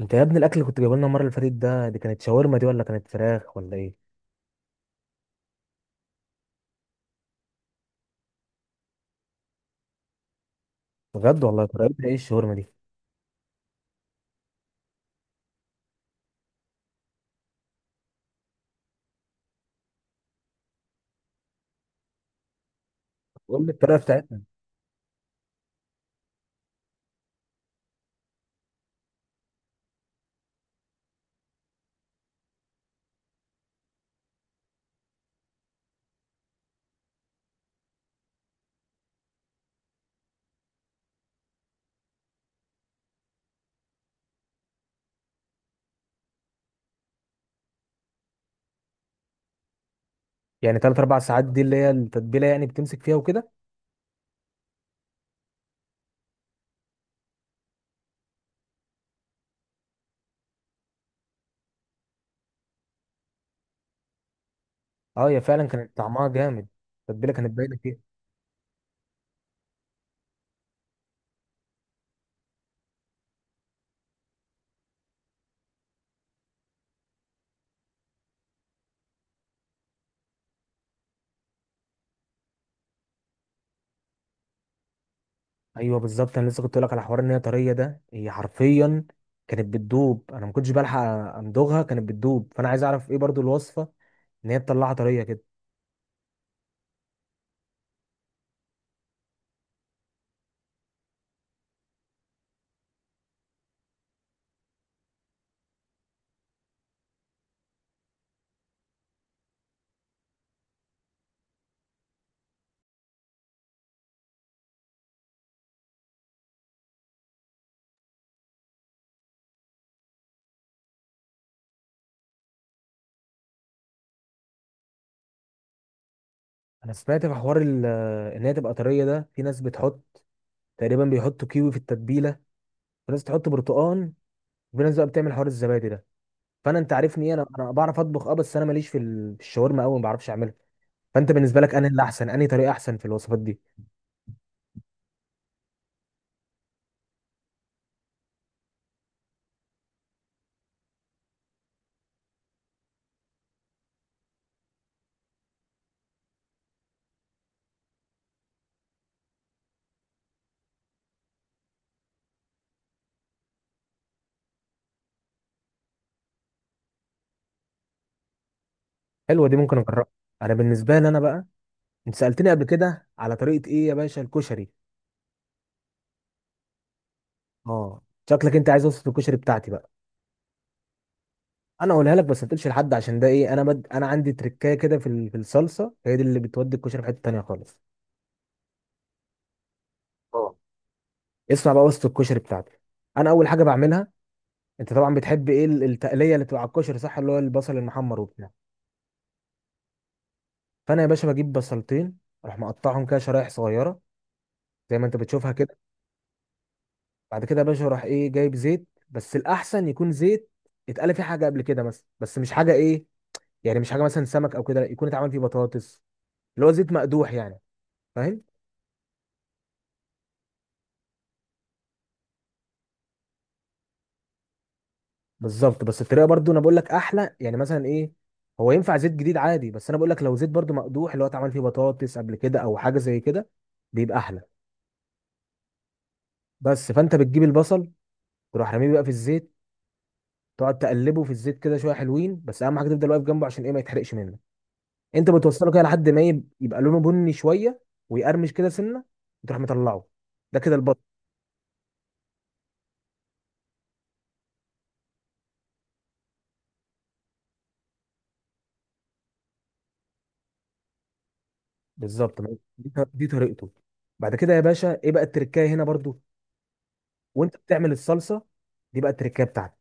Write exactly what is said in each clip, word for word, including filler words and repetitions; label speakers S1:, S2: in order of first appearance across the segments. S1: انت يا ابني، الاكل اللي كنت جايبه لنا المره اللي فاتت ده دي، كانت شاورما دي ولا كانت فراخ ولا ايه؟ بجد والله، طريقتها ايه الشاورما دي؟ قول لي الطريقه بتاعتها. يعني ثلاث اربع ساعات دي اللي هي التتبيله، يعني بتمسك فيها وكده؟ اه، هي فعلا كانت طعمها جامد. التتبيله كانت باينه فيها. ايوه بالظبط، انا لسه كنت اقول لك على حوار ان هي طريه ده، هي حرفيا كانت بتدوب. انا ما كنتش بلحق امضغها، كانت بتدوب. فانا عايز اعرف ايه برضو الوصفه ان هي تطلعها طريه كده. انا سمعت في حوار ال- ان هي تبقى طريه ده، في ناس بتحط تقريبا بيحطوا كيوي في التتبيله، في ناس تحط برتقان، في ناس بقى بتعمل حوار الزبادي ده. فانا انت عارفني إيه، انا انا بعرف اطبخ اه، بس انا ماليش في ال- في الشاورما قوي، ما بعرفش اعملها. فانت بالنسبه لك انا، اللي احسن انهي طريقه احسن في الوصفات دي؟ حلوه دي، ممكن اجربها. انا بالنسبه لي انا بقى، انت سالتني قبل كده على طريقه ايه يا باشا؟ الكشري. اه. شكلك انت عايز وصفه الكشري بتاعتي بقى. انا اقولها لك، بس ما تقولش لحد عشان ده ايه، انا بد... انا عندي تركايه كده في ال- في الصلصه، هي دي اللي بتودي الكشري في حته تانيه خالص. اه، اسمع بقى وصفه الكشري بتاعتي. انا اول حاجه بعملها، انت طبعا بتحب ايه ال- التقليه اللي بتبقى على الكشري، صح؟ اللي هو البصل المحمر وبتاع. فانا يا باشا بجيب بصلتين، اروح مقطعهم كده شرايح صغيره، زي ما انت بتشوفها كده. بعد كده يا باشا اروح ايه جايب زيت، بس الاحسن يكون زيت اتقلى فيه حاجه قبل كده مثلا، بس مش حاجه ايه، يعني مش حاجه مثلا سمك او كده، لا يكون اتعمل فيه بطاطس، اللي هو زيت مقدوح يعني. فاهم؟ بالظبط، بس الطريقه برضو انا بقول لك احلى، يعني مثلا ايه، هو ينفع زيت جديد عادي، بس انا بقول لك لو زيت برضو مقدوح، اللي هو اتعمل فيه بطاطس قبل كده او حاجه زي كده، بيبقى احلى. بس فانت بتجيب البصل، تروح رميه بقى في الزيت، تقعد تقلبه في الزيت كده شويه حلوين، بس اهم حاجه تفضل واقف جنبه عشان ايه ما يتحرقش منك. انت بتوصله كده لحد ما يب- يبقى لونه بني شويه، ويقرمش كده سنه، وتروح مطلعه. ده كده البط. بالظبط. ما- دي ط- دي طريقته. بعد كده يا باشا ايه بقى التركايه هنا برضو، وانت بتعمل الصلصه، دي بقى التركايه بتاعتك.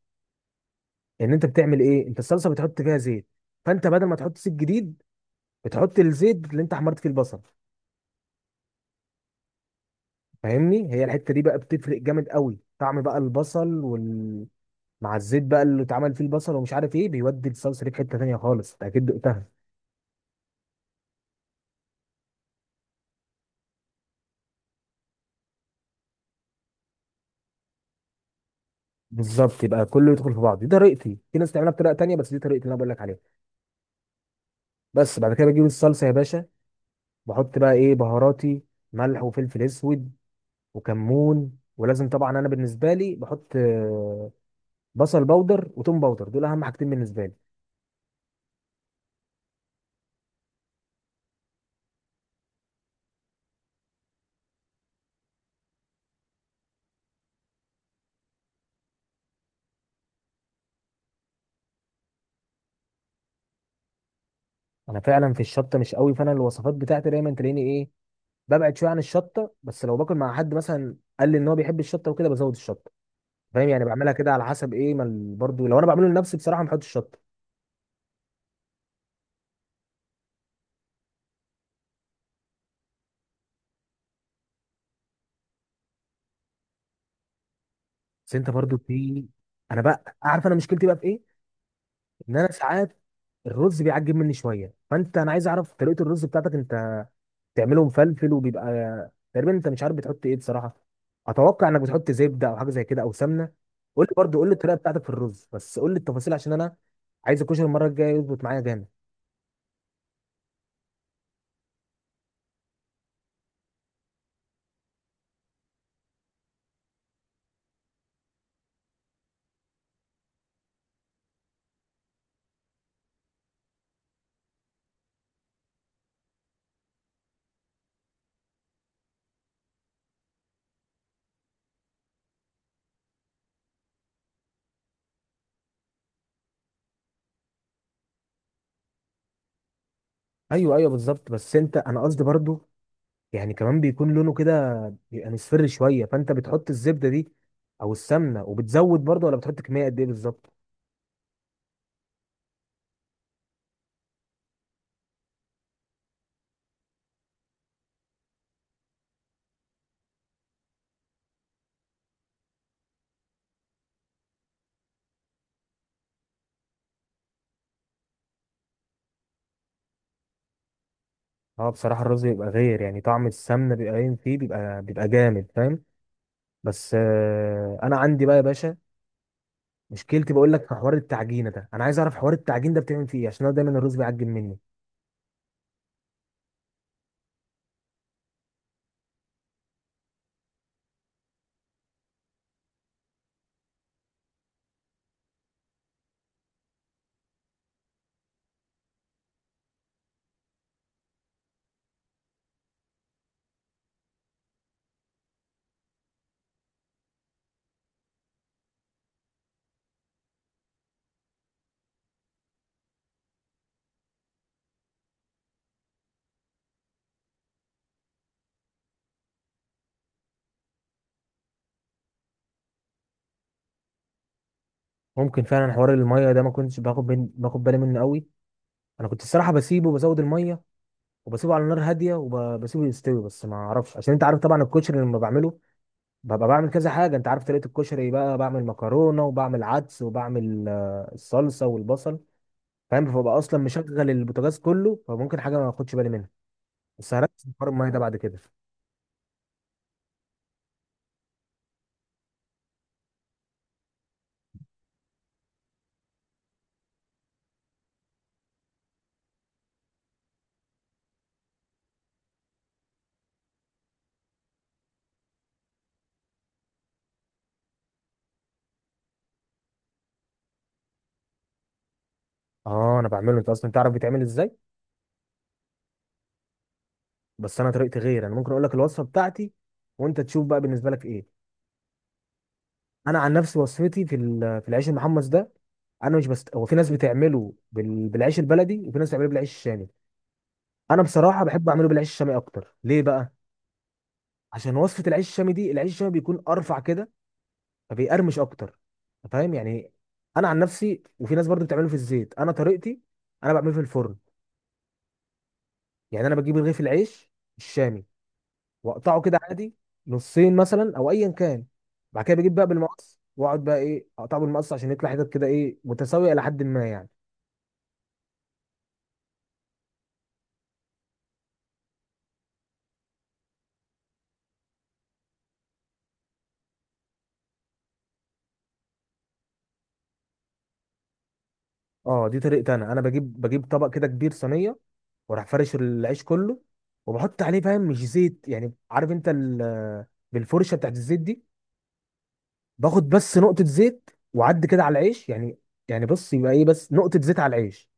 S1: ان انت بتعمل ايه، انت الصلصه بتحط فيها زيت، فانت بدل ما تحط زيت جديد، بتحط الزيت اللي انت حمرت فيه البصل. فاهمني، هي الحته دي بقى بتفرق جامد قوي، طعم بقى البصل مع الزيت بقى اللي اتعمل فيه البصل، ومش عارف ايه، بيودي الصلصه دي في حته تانيه خالص. انت اكيد دقتها. بالظبط، يبقى كله يدخل في بعض. دي طريقتي، في ناس تعملها بطريقه تانيه، بس دي طريقتي اللي انا بقول لك عليها. بس بعد كده بجيب الصلصه يا باشا، بحط بقى ايه بهاراتي: ملح وفلفل اسود وكمون، ولازم طبعا انا بالنسبه لي بحط آه، بصل بودر وتوم بودر، دول اهم حاجتين بالنسبه لي. انا فعلا في الشطه مش قوي، فانا الوصفات بتاعتي دايما تلاقيني ايه، ببعد شويه عن الشطه. بس لو باكل مع حد مثلا قال لي ان هو بيحب الشطه وكده بزود الشطه. فاهم يعني، بعملها كده على حسب ايه ما ال- برضو لو انا بعمله لنفسي بصراحه ما بحطش شطه. بس انت برضو في. انا بقى عارف انا مشكلتي بقى في ايه، ان انا ساعات الرز بيعجب مني شويه، فانت انا عايز اعرف طريقه الرز بتاعتك انت، بتعمله مفلفل وبيبقى، تقريبا انت مش عارف بتحط ايه بصراحه، اتوقع انك بتحط زبده او حاجه زي كده او سمنه. قول لي برضو، قول لي الطريقه بتاعتك في الرز، بس قول لي التفاصيل عشان انا عايز الكشري المره الجايه يظبط معايا جامد. ايوه، ايوه، بالظبط، بس انت انا قصدي برضو، يعني كمان بيكون لونه كده، بيبقى مصفر شويه، فانت بتحط الزبده دي او السمنه وبتزود برضه، ولا بتحط كميه قد ايه بالظبط؟ اه بصراحه، الرز بيبقى غير، يعني طعم السمنه بيبقى باين فيه، بيبقى بيبقى جامد فاهم. بس آه انا عندي بقى يا باشا مشكلتي، بقول لك في حوار التعجينه ده، انا عايز اعرف حوار التعجين ده بتعمل فيه ايه، عشان انا دايما الرز بيعجن مني. ممكن فعلا حوار الميه ده ما كنتش باخد بين- باخد بالي منه قوي. انا كنت الصراحه بسيبه بزود الميه، وبسيبه على نار هاديه، وبسيبه يستوي. بس ما اعرفش، عشان انت عارف طبعا الكشري لما بعمله، ببقى بعمل كذا حاجة. انت عارف طريقة الكشري، بقى بعمل مكرونة وبعمل عدس وبعمل آه، الصلصة والبصل. فاهم، فببقى اصلا مشغل البوتاجاز كله، فممكن حاجة ما اخدش بالي منها. بس هركز في حوار المية ده بعد كده. اه انا بعمله، انت اصلا تعرف بيتعمل ازاي. بس انا طريقتي غير، انا ممكن اقول لك الوصفة بتاعتي وانت تشوف بقى بالنسبة لك ايه. انا عن نفسي وصفتي في ال- في العيش المحمص ده، انا مش بست، هو في ناس بتعمله بال... بالعيش البلدي، وفي ناس بتعمله بالعيش الشامي. انا بصراحة بحب اعمله بالعيش الشامي اكتر. ليه بقى؟ عشان وصفه العيش الشامي دي، العيش الشامي بيكون ارفع كده، فبيقرمش اكتر. أنت فاهم يعني؟ انا عن نفسي، وفي ناس برضو بتعمله في الزيت، انا طريقتي انا بعمله في الفرن. يعني انا بجيب رغيف العيش الشامي، واقطعه كده عادي، نصين مثلا او ايا كان. بعد كده بجيب بقى بالمقص، واقعد بقى ايه اقطعه بالمقص، عشان يطلع حتت كده ايه متساويه الى حد ما يعني. اه، دي طريقتي. انا انا بجيب بجيب طبق كده كبير، صينيه، واروح فرش العيش كله، وبحط عليه، فاهم مش زيت يعني، عارف انت ال- بالفرشه بتاعت الزيت دي، باخد بس نقطة زيت وعد كده على العيش يعني. يعني بص، يبقى ايه، بس نقطة زيت على العيش،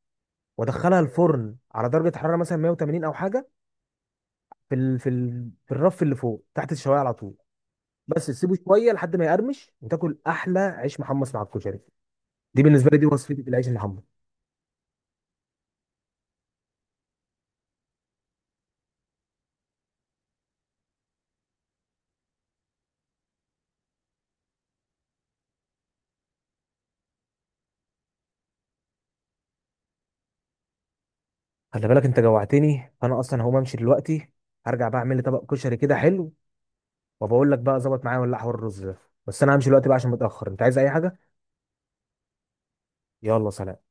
S1: وادخلها الفرن على درجة حرارة مثلا مية وتمانين او حاجة، في ال... في ال... في الرف اللي فوق تحت الشواية على طول. بس تسيبه شوية لحد ما يقرمش، وتاكل احلى عيش محمص مع الكشري. دي بالنسبة لي، دي وصفتي في العيش المحمص. خلي بالك انت جوعتني، فانا اصلا هقوم امشي دلوقتي، هرجع بقى اعمل لي طبق كشري كده حلو، وبقول لك بقى ظبط معايا ولا لا حوار الرز ده. بس انا همشي دلوقتي بقى عشان متأخر. انت عايز اي حاجة؟ يلا سلام.